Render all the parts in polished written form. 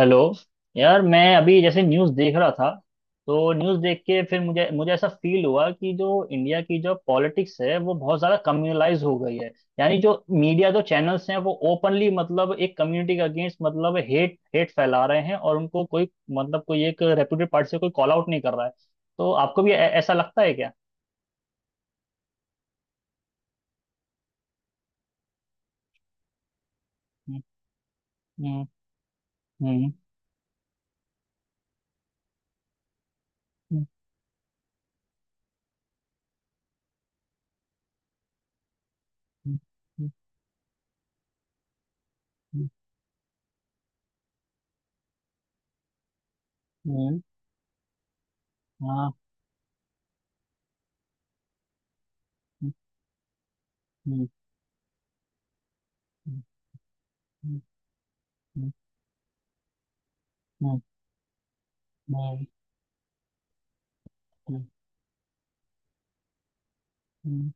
Hello. यार, मैं अभी जैसे न्यूज़ देख रहा था, तो न्यूज़ देख के फिर मुझे मुझे ऐसा फील हुआ कि जो इंडिया की जो पॉलिटिक्स है वो बहुत ज़्यादा कम्युनलाइज हो गई है। यानी, जो मीडिया, जो चैनल्स हैं, वो ओपनली, मतलब एक कम्युनिटी के अगेंस्ट, मतलब हेट हेट फैला रहे हैं, और उनको कोई, मतलब कोई एक रेप्यूटेड पार्टी से कोई कॉल आउट नहीं कर रहा है। तो आपको भी ऐसा लगता है क्या? हम्म। हम्म। हम्म। हम्म। हम्म, हम्म, हम्म, हाँ। हम्म। हम्म। हम्म। हम्म। हम्म। हम्म। हम्म, हम्म।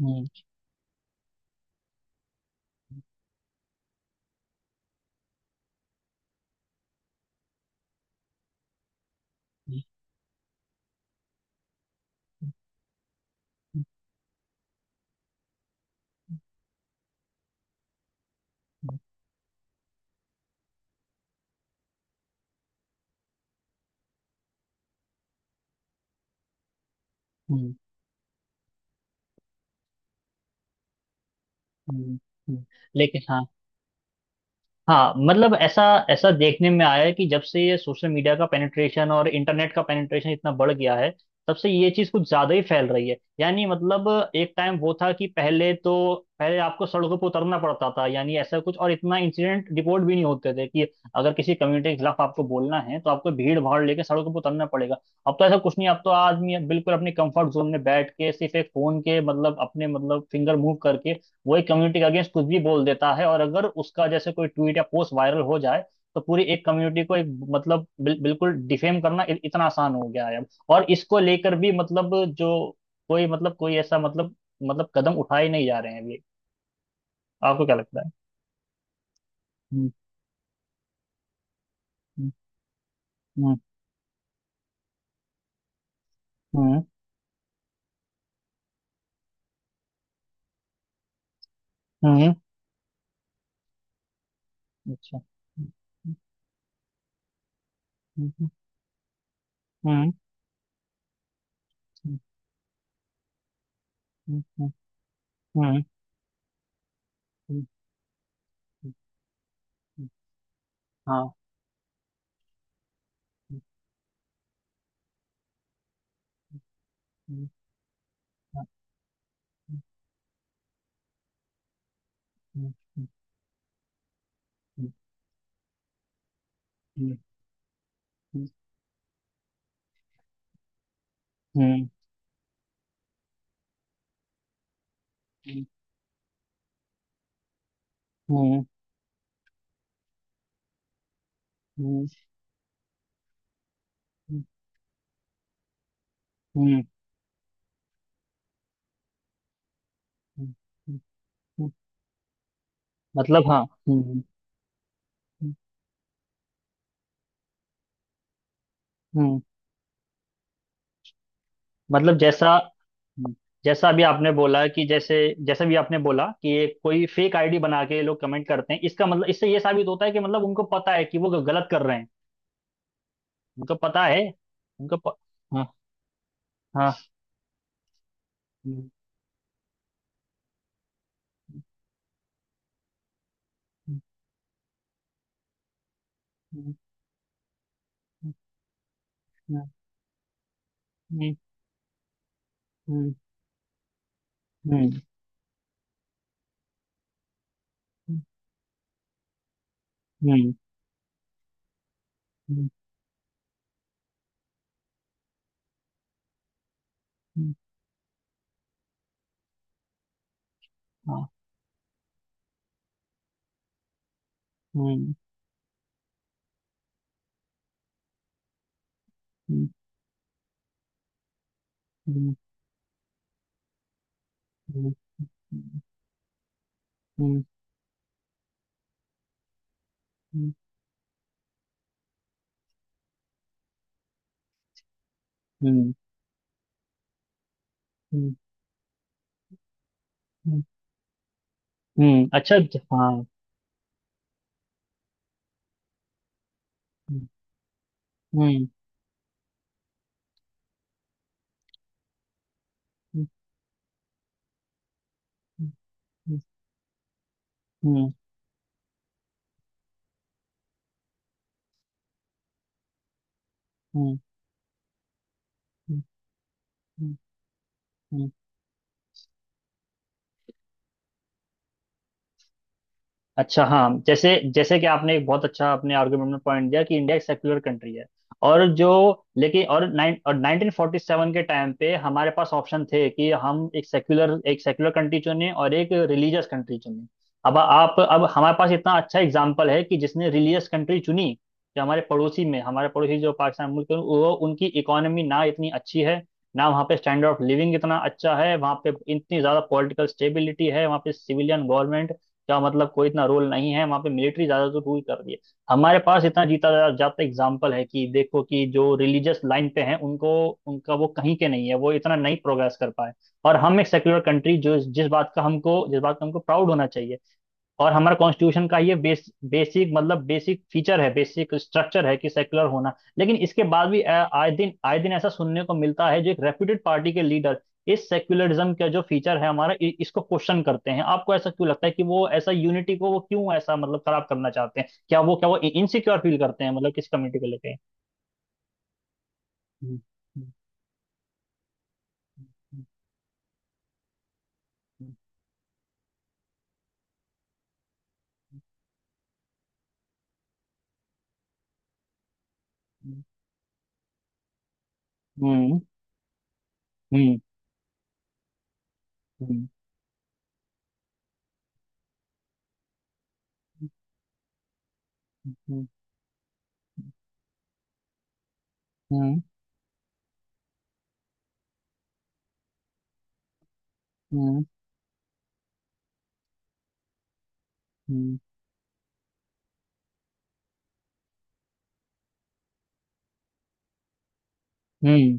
हम्म, हम्म, हम्म, हम्म, हम्म। लेकिन हाँ। हाँ, मतलब ऐसा ऐसा देखने में आया है कि जब से ये सोशल मीडिया का पेनिट्रेशन और इंटरनेट का पेनिट्रेशन इतना बढ़ गया है, तब से ये चीज़ कुछ ज़्यादा ही फैल रही है। यानी, मतलब, एक टाइम वो था कि पहले तो, पहले आपको सड़कों पर उतरना पड़ता था। यानी ऐसा कुछ, और इतना इंसिडेंट रिपोर्ट भी नहीं होते थे कि अगर किसी कम्युनिटी के खिलाफ आपको बोलना है, तो आपको भीड़ भाड़ लेके सड़कों पर उतरना पड़ेगा। अब तो ऐसा कुछ नहीं, अब तो आदमी बिल्कुल अपने कंफर्ट जोन में बैठ के, सिर्फ एक फोन के, मतलब अपने, मतलब फिंगर मूव करके वो एक कम्युनिटी के अगेंस्ट कुछ भी बोल देता है। और अगर उसका जैसे कोई ट्वीट या पोस्ट वायरल हो जाए, तो पूरी एक कम्युनिटी को एक, मतलब बिल्कुल डिफेम करना इतना आसान हो गया है अब। और इसको लेकर भी, मतलब जो कोई, मतलब कोई ऐसा, मतलब, मतलब कदम उठाए नहीं जा रहे हैं अभी। आपको क्या लगता है? हम्म। हम्म। हम्म। हम्म, हम्म, अच्छा। हम्म। हम्म। हम्म। हम्म, हम्म, हम्म, हम्म, हम्म, हाँ। हम्म, हम्म, हाँ, हम्म, हम्म, हम्म, हम्म, हम्म, हम्म, हम्म, हम्म, हम्म। हम्म, हम्म, मतलब हाँ। हम्म। हम्म, हम्म, मतलब जैसा, हम्म। जैसा अभी आपने बोला कि जैसे, जैसा भी आपने बोला कि ये कोई फेक आईडी बना के लोग कमेंट करते हैं, इसका मतलब इससे ये साबित होता है कि, मतलब उनको पता है कि वो गलत कर रहे हैं। उनको पता है। उनको प... हाँ। हाँ। हम्म, हम्म, हम्म, हम्म, हम्म, हम्म, हम्म, हम्म, हाँ, हम्म, हम्म, हम्म, हम्म, हम्म, हम्म, हम्म, हम्म, अच्छा हाँ। हम्म। हम्म। हम्म। हम्म। हम्म। हम्म। हम्म, हम्म, हम्म, अच्छा हाँ, जैसे, जैसे कि आपने एक बहुत अच्छा अपने आर्गुमेंट में पॉइंट दिया कि इंडिया एक सेक्युलर कंट्री है। और जो, लेकिन और नाइन और 1947 के टाइम पे हमारे पास ऑप्शन थे कि हम एक सेक्युलर कंट्री चुने और एक रिलीजियस कंट्री चुने। अब हमारे पास इतना अच्छा एग्जाम्पल है कि जिसने रिलीजियस कंट्री चुनी, जो हमारे पड़ोसी जो पाकिस्तान मुल्क है, वो उनकी इकोनॉमी ना इतनी अच्छी है, ना वहाँ पे स्टैंडर्ड ऑफ लिविंग इतना अच्छा है, वहाँ पे इतनी ज़्यादा पॉलिटिकल स्टेबिलिटी है, वहाँ पे सिविलियन गवर्नमेंट क्या, मतलब कोई इतना रोल नहीं है, वहां पे मिलिट्री ज्यादा तो रूल कर रही है। हमारे पास इतना जीता जाता एग्जाम्पल है कि देखो कि जो रिलीजियस लाइन पे हैं, उनको, उनका वो कहीं के नहीं है, वो इतना नहीं प्रोग्रेस कर पाए। और हम एक सेक्युलर कंट्री, जो, जिस बात का हमको प्राउड होना चाहिए। और हमारा कॉन्स्टिट्यूशन का ये बेस, बेसिक, मतलब बेसिक फीचर है, बेसिक स्ट्रक्चर है कि सेक्युलर होना। लेकिन इसके बाद भी आए दिन ऐसा सुनने को मिलता है, जो एक रेप्यूटेड पार्टी के लीडर इस सेक्युलरिज्म का जो फीचर है हमारा, इसको क्वेश्चन करते हैं। आपको ऐसा क्यों लगता है कि वो ऐसा यूनिटी को, वो क्यों ऐसा, मतलब खराब करना चाहते हैं? क्या वो इनसिक्योर फील करते हैं, मतलब किस कम्युनिटी को लेके? हम्म। हम्म। हम्म। हम्म। हम्म। हम्म। हम्म। हम्म। हम्म।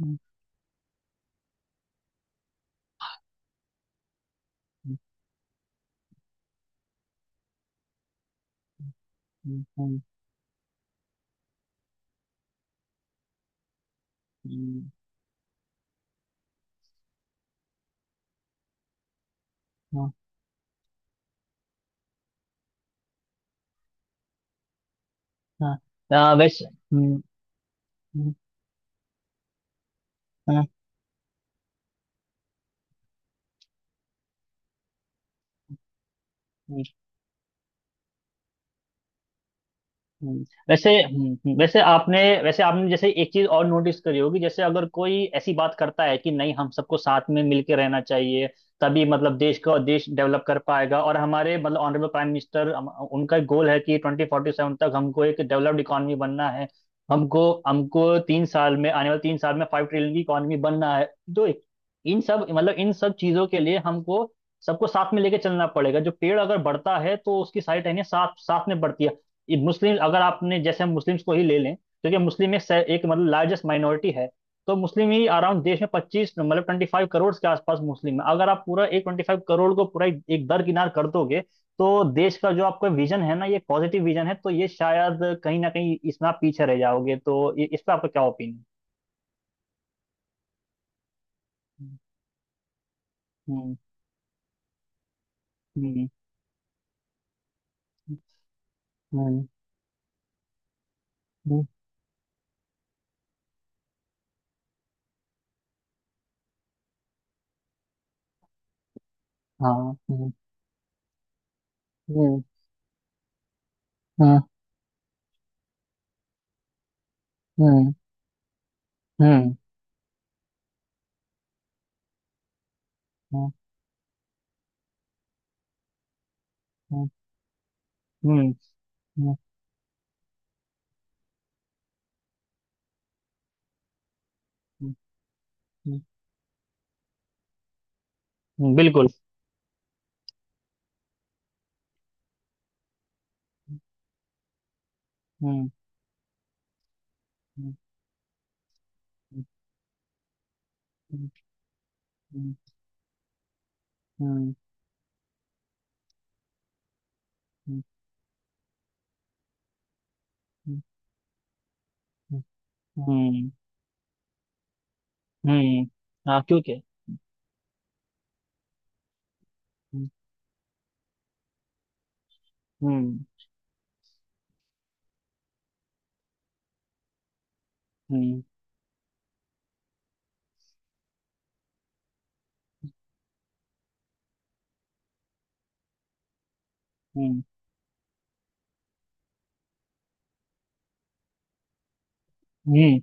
हम्म। हम्म। हम्म। हम्म। हाँ। वैसे, हम्म, हाँ, हम्म, वैसे, वैसे आपने जैसे एक चीज और नोटिस करी होगी, जैसे अगर कोई ऐसी बात करता है कि नहीं, हम सबको साथ में मिलके रहना चाहिए, तभी, मतलब देश डेवलप कर पाएगा, और हमारे, मतलब ऑनरेबल प्राइम मिनिस्टर, उनका गोल है कि 2047 तक हमको एक डेवलप्ड इकोनॉमी बनना है। हमको हमको 3 साल में, आने वाले 3 साल में 5 ट्रिलियन की इकोनॉमी बनना है। तो इन सब, मतलब इन सब चीजों के लिए हमको सबको साथ में लेके चलना पड़ेगा। जो पेड़ अगर बढ़ता है, तो उसकी सारी टहनियाँ साथ साथ में बढ़ती है। ये मुस्लिम, अगर आपने, जैसे हम मुस्लिम्स को ही ले लें, क्योंकि मुस्लिम एक मतलब लार्जेस्ट माइनॉरिटी है, तो मुस्लिम ही अराउंड देश में 25, मतलब 25 करोड़ के आसपास मुस्लिम है। अगर आप पूरा एक 25 करोड़ को पूरा एक एक दरकिनार कर दोगे, तो देश का जो आपका विजन है ना, ये पॉजिटिव विजन है, तो ये शायद कहीं ना कहीं इसमें आप पीछे रह जाओगे। तो इस पर आपका क्या ओपिनियन? हम्म। हम्म। हम्म। हम्म, हाँ। हम्म। हम्म। हाँ, हम्म। हम्म। हम्म। हम्म। हम्म, हम्म, बिल्कुल। हम्म। हम्म। हम्म। हम्म। हम्म, हम्म, हाँ, क्यों के, हम्म। हम्म। हम्म। हम्म। हम्म।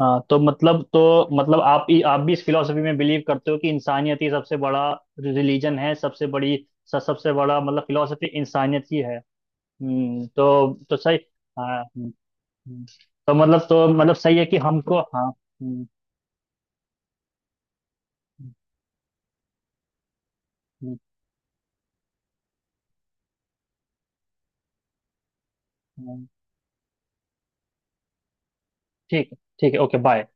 हाँ, तो मतलब आप ही, आप भी इस फिलोसफी में बिलीव करते हो कि इंसानियत ही सबसे बड़ा रिलीजन है, सबसे बड़ी, सबसे बड़ा, मतलब फिलोसफी इंसानियत ही है। हम्म, तो सही। हाँ, हम्म। तो मतलब सही है कि हमको, हाँ। हम्म, हम्म, हम्म, हम्म। ठीक है, ठीक है, ओके, बाय।